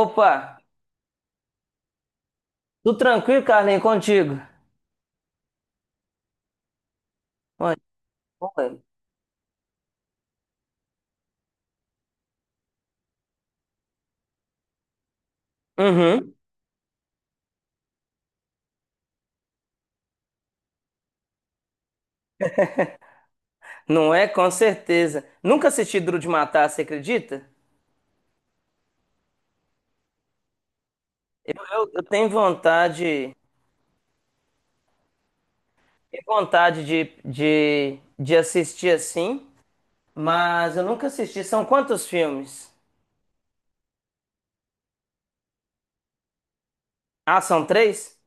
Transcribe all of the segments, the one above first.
Opa, tudo tranquilo, Carlinhos, contigo? Mano, bom, velho. Uhum. Não é? Com certeza. Nunca assisti Duro de Matar, você acredita? Eu tenho vontade de assistir assim, mas eu nunca assisti. São quantos filmes? Ah, são três?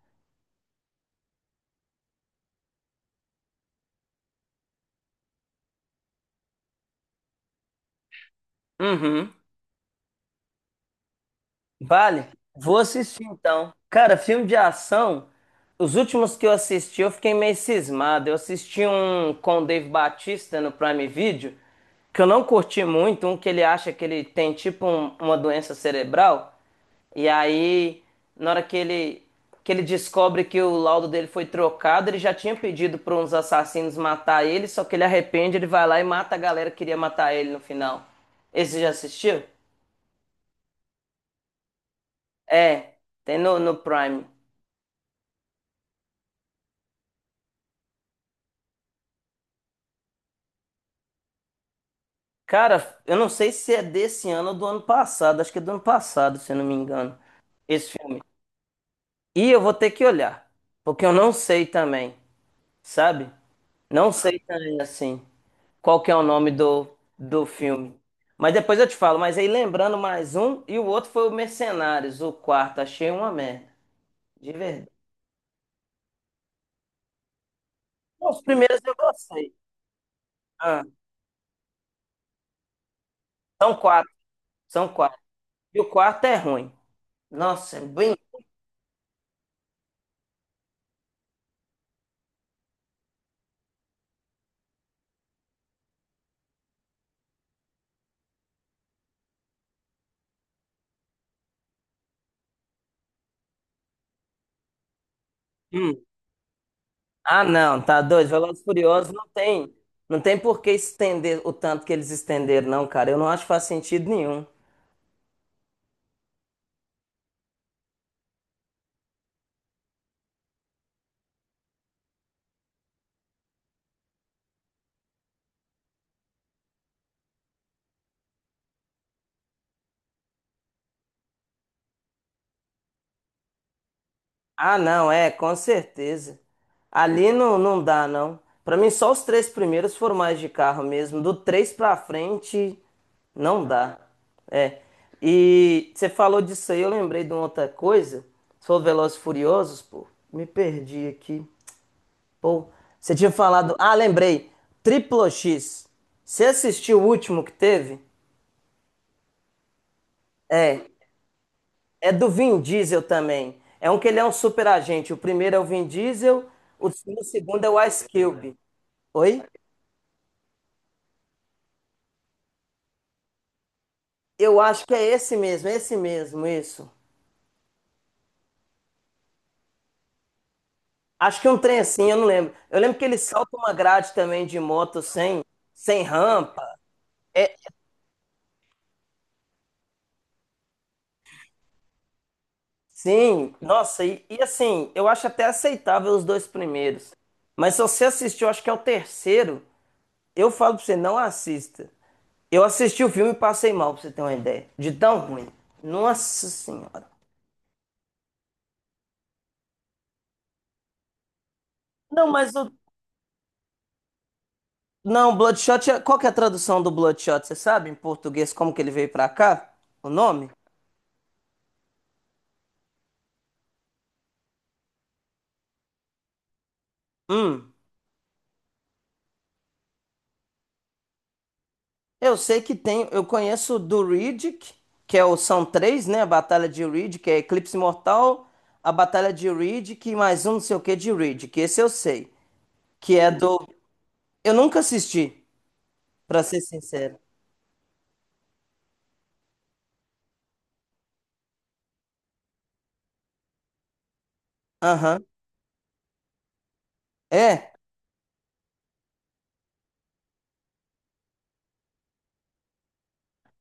Uhum. Vale, vou assistir então. Cara, filme de ação, os últimos que eu assisti eu fiquei meio cismado. Eu assisti um com o Dave Batista no Prime Video, que eu não curti muito, um que ele acha que ele tem tipo uma doença cerebral, e aí na hora que ele descobre que o laudo dele foi trocado, ele já tinha pedido para uns assassinos matar ele, só que ele arrepende, ele vai lá e mata a galera que queria matar ele no final. Esse já assistiu? É, tem no Prime. Cara, eu não sei se é desse ano ou do ano passado, acho que é do ano passado, se eu não me engano, esse filme. E eu vou ter que olhar, porque eu não sei também, sabe? Não sei também, assim, qual que é o nome do filme. Mas depois eu te falo, mas aí lembrando mais um, e o outro foi o Mercenários, o quarto, achei uma merda, de verdade. Não, os primeiros eu gostei. Ah, são quatro, são quatro. E o quarto é ruim. Nossa, é bem. Hum. Ah, não, tá doido. Velozes e Furiosos não tem, não tem por que estender o tanto que eles estenderam, não, cara. Eu não acho que faz sentido nenhum. Ah, não, é, com certeza. Ali não, não dá, não. Pra mim, só os três primeiros foram mais de carro mesmo. Do três pra frente, não dá. É. E você falou disso aí, eu lembrei de uma outra coisa. Sou Velozes e Furiosos, pô. Me perdi aqui. Pô, você tinha falado. Ah, lembrei. Triplo X. Você assistiu o último que teve? É. É do Vin Diesel também. É um que ele é um super agente. O primeiro é o Vin Diesel, o segundo é o Ice Cube. Oi? Eu acho que é esse mesmo, isso. Acho que é um trem assim, eu não lembro. Eu lembro que ele salta uma grade também de moto sem, sem rampa. Sim, nossa, e assim, eu acho até aceitável os dois primeiros. Mas se você assistiu, acho que é o terceiro. Eu falo pra você, não assista. Eu assisti o filme e passei mal, pra você ter uma ideia. De tão ruim. Nossa Senhora. Não, mas o. Não, Bloodshot. Qual que é a tradução do Bloodshot? Você sabe em português como que ele veio pra cá? O nome? Hum. Eu sei que tem. Eu conheço o do Riddick, que é o, são três, né? A Batalha de Riddick, que é Eclipse Mortal, a Batalha de Riddick e mais um não sei o que de Riddick. Esse eu sei. Que é do. Eu nunca assisti, pra ser sincero. Aham. É.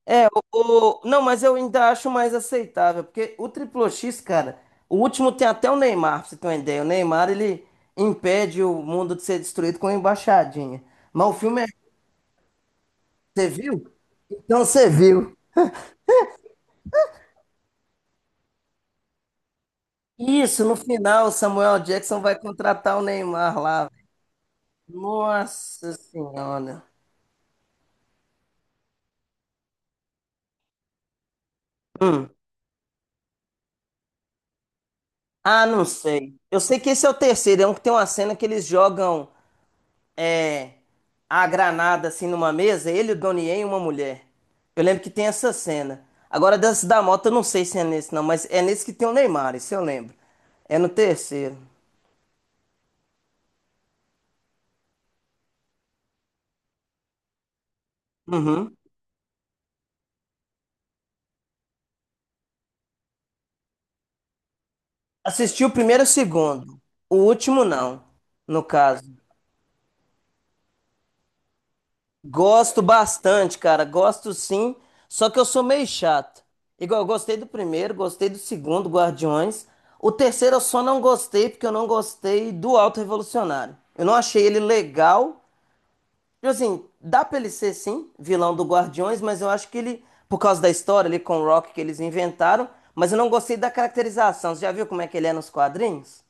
Não, mas eu ainda acho mais aceitável, porque o triplo X, cara, o último tem até o Neymar, pra você ter uma ideia. O Neymar, ele impede o mundo de ser destruído com uma embaixadinha. Mas o filme é. Você viu? Então você viu. Isso, no final, o Samuel Jackson vai contratar o Neymar lá. Nossa Senhora. Ah, não sei. Eu sei que esse é o terceiro, é um que tem uma cena que eles jogam. É, a granada assim numa mesa, ele, o Donnie Yen e uma mulher. Eu lembro que tem essa cena. Agora, dessa da moto, eu não sei se é nesse não, mas é nesse que tem o Neymar, isso eu lembro. É no terceiro. Uhum. Assisti o primeiro e o segundo. O último não, no caso. Gosto bastante, cara. Gosto sim. Só que eu sou meio chato. Igual, eu gostei do primeiro, gostei do segundo, Guardiões. O terceiro eu só não gostei porque eu não gostei do Alto Revolucionário. Eu não achei ele legal. Tipo assim, dá pra ele ser sim, vilão do Guardiões, mas eu acho que ele, por causa da história ali com o Rock que eles inventaram, mas eu não gostei da caracterização. Você já viu como é que ele é nos quadrinhos?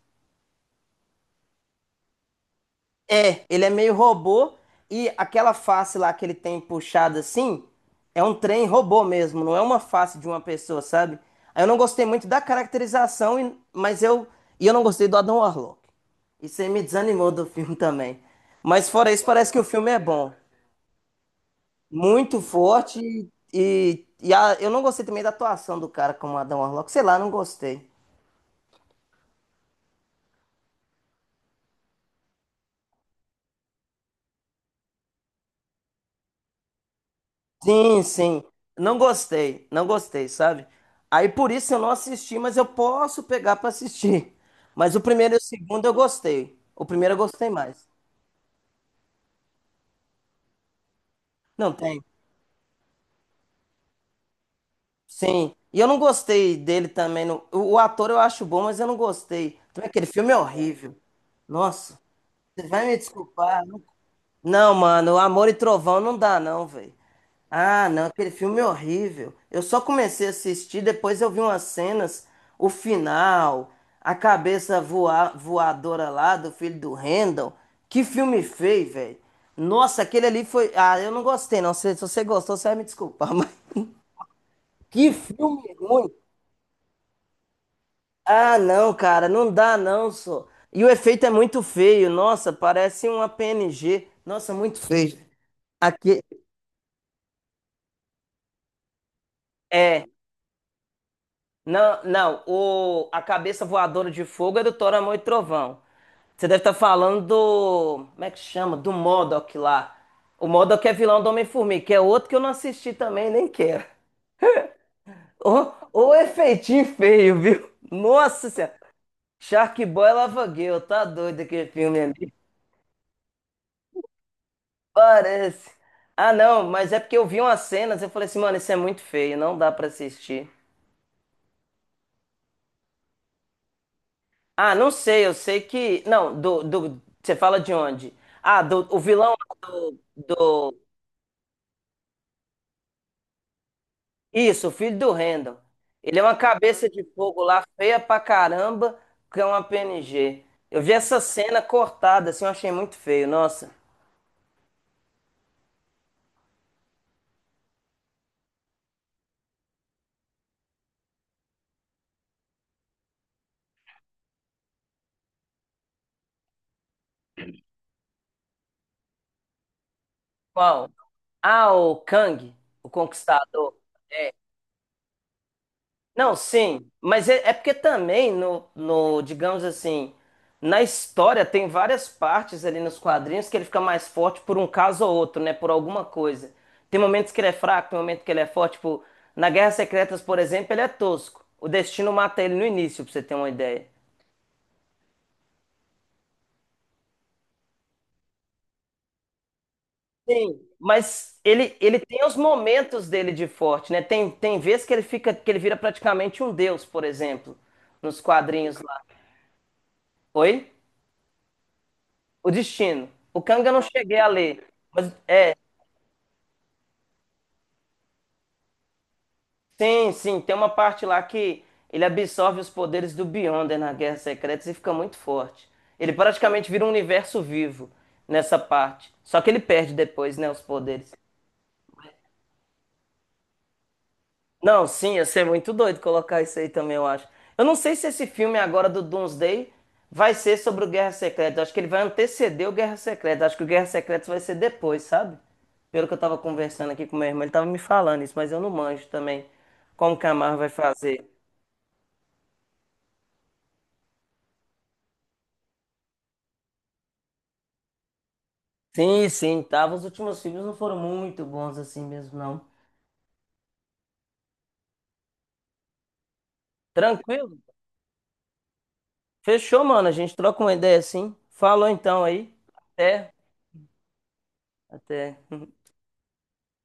É, ele é meio robô e aquela face lá que ele tem puxada assim é um trem robô mesmo, não é uma face de uma pessoa, sabe? Aí eu não gostei muito da caracterização, mas eu. E eu não gostei do Adam Warlock. Isso aí me desanimou do filme também. Mas fora isso, parece que o filme é bom. Muito forte eu não gostei também da atuação do cara como Adam Warlock. Sei lá, não gostei. Sim, sim. Não gostei, não gostei, sabe? Aí por isso eu não assisti, mas eu posso pegar pra assistir. Mas o primeiro e o segundo eu gostei. O primeiro eu gostei mais. Não tem. Sim. E eu não gostei dele também. O ator eu acho bom, mas eu não gostei. Também aquele filme é horrível. Nossa, você vai me desculpar. Não, mano, Amor e Trovão não dá, não, velho. Ah, não, aquele filme é horrível. Eu só comecei a assistir, depois eu vi umas cenas, o final, a cabeça voadora lá do filho do Randall. Que filme feio, velho. Nossa, aquele ali foi. Ah, eu não gostei, não. Se você gostou, você vai me desculpar, mas. Que filme ruim. Ah, não, cara, não dá, não, só. E o efeito é muito feio. Nossa, parece uma PNG. Nossa, muito feio. Aqui. É, não, não, o, a cabeça voadora de fogo é do Thor, Amor e Trovão. Você deve estar falando do. Como é que chama? Do MODOK lá. O MODOK é vilão do Homem-Formiga, que é outro que eu não assisti também, nem quero. Ô, efeitinho feio, viu? Nossa Senhora. Sharkboy e Lava Girl, tá doido aquele filme ali. Parece. Ah, não, mas é porque eu vi umas cenas e eu falei assim, mano, isso é muito feio, não dá pra assistir. Ah, não sei, eu sei que. Não, do você fala de onde? Ah, do, o vilão do. Isso, o filho do Randall. Ele é uma cabeça de fogo lá, feia pra caramba, que é uma PNG. Eu vi essa cena cortada, assim, eu achei muito feio, nossa. Qual? Ah, o Kang, o Conquistador. É, não, sim, mas é, é porque também no, digamos assim, na história tem várias partes ali nos quadrinhos que ele fica mais forte por um caso ou outro, né? Por alguma coisa. Tem momentos que ele é fraco, tem momentos que ele é forte. Tipo, na Guerra Secretas, por exemplo, ele é tosco. O Destino mata ele no início, pra você ter uma ideia. Sim, mas ele tem os momentos dele de forte, né? Tem, tem vezes que ele fica, que ele vira praticamente um deus, por exemplo, nos quadrinhos lá. Oi? O Destino. O Kang eu não cheguei a ler. Mas é, sim, sim, tem uma parte lá que ele absorve os poderes do Beyonder na Guerra Secretas e fica muito forte. Ele praticamente vira um universo vivo nessa parte. Só que ele perde depois, né, os poderes. Não, sim, ia ser muito doido colocar isso aí também, eu acho. Eu não sei se esse filme agora do Doomsday vai ser sobre o Guerra Secreta. Eu acho que ele vai anteceder o Guerra Secreta. Eu acho que o Guerra Secreta vai ser depois, sabe? Pelo que eu tava conversando aqui com meu irmão, ele tava me falando isso, mas eu não manjo também como que a Marvel vai fazer. Sim, sim, tava. Os últimos filmes não foram muito bons assim mesmo, não. Tranquilo? Fechou, mano. A gente troca uma ideia assim. Falou então aí. Até. Até.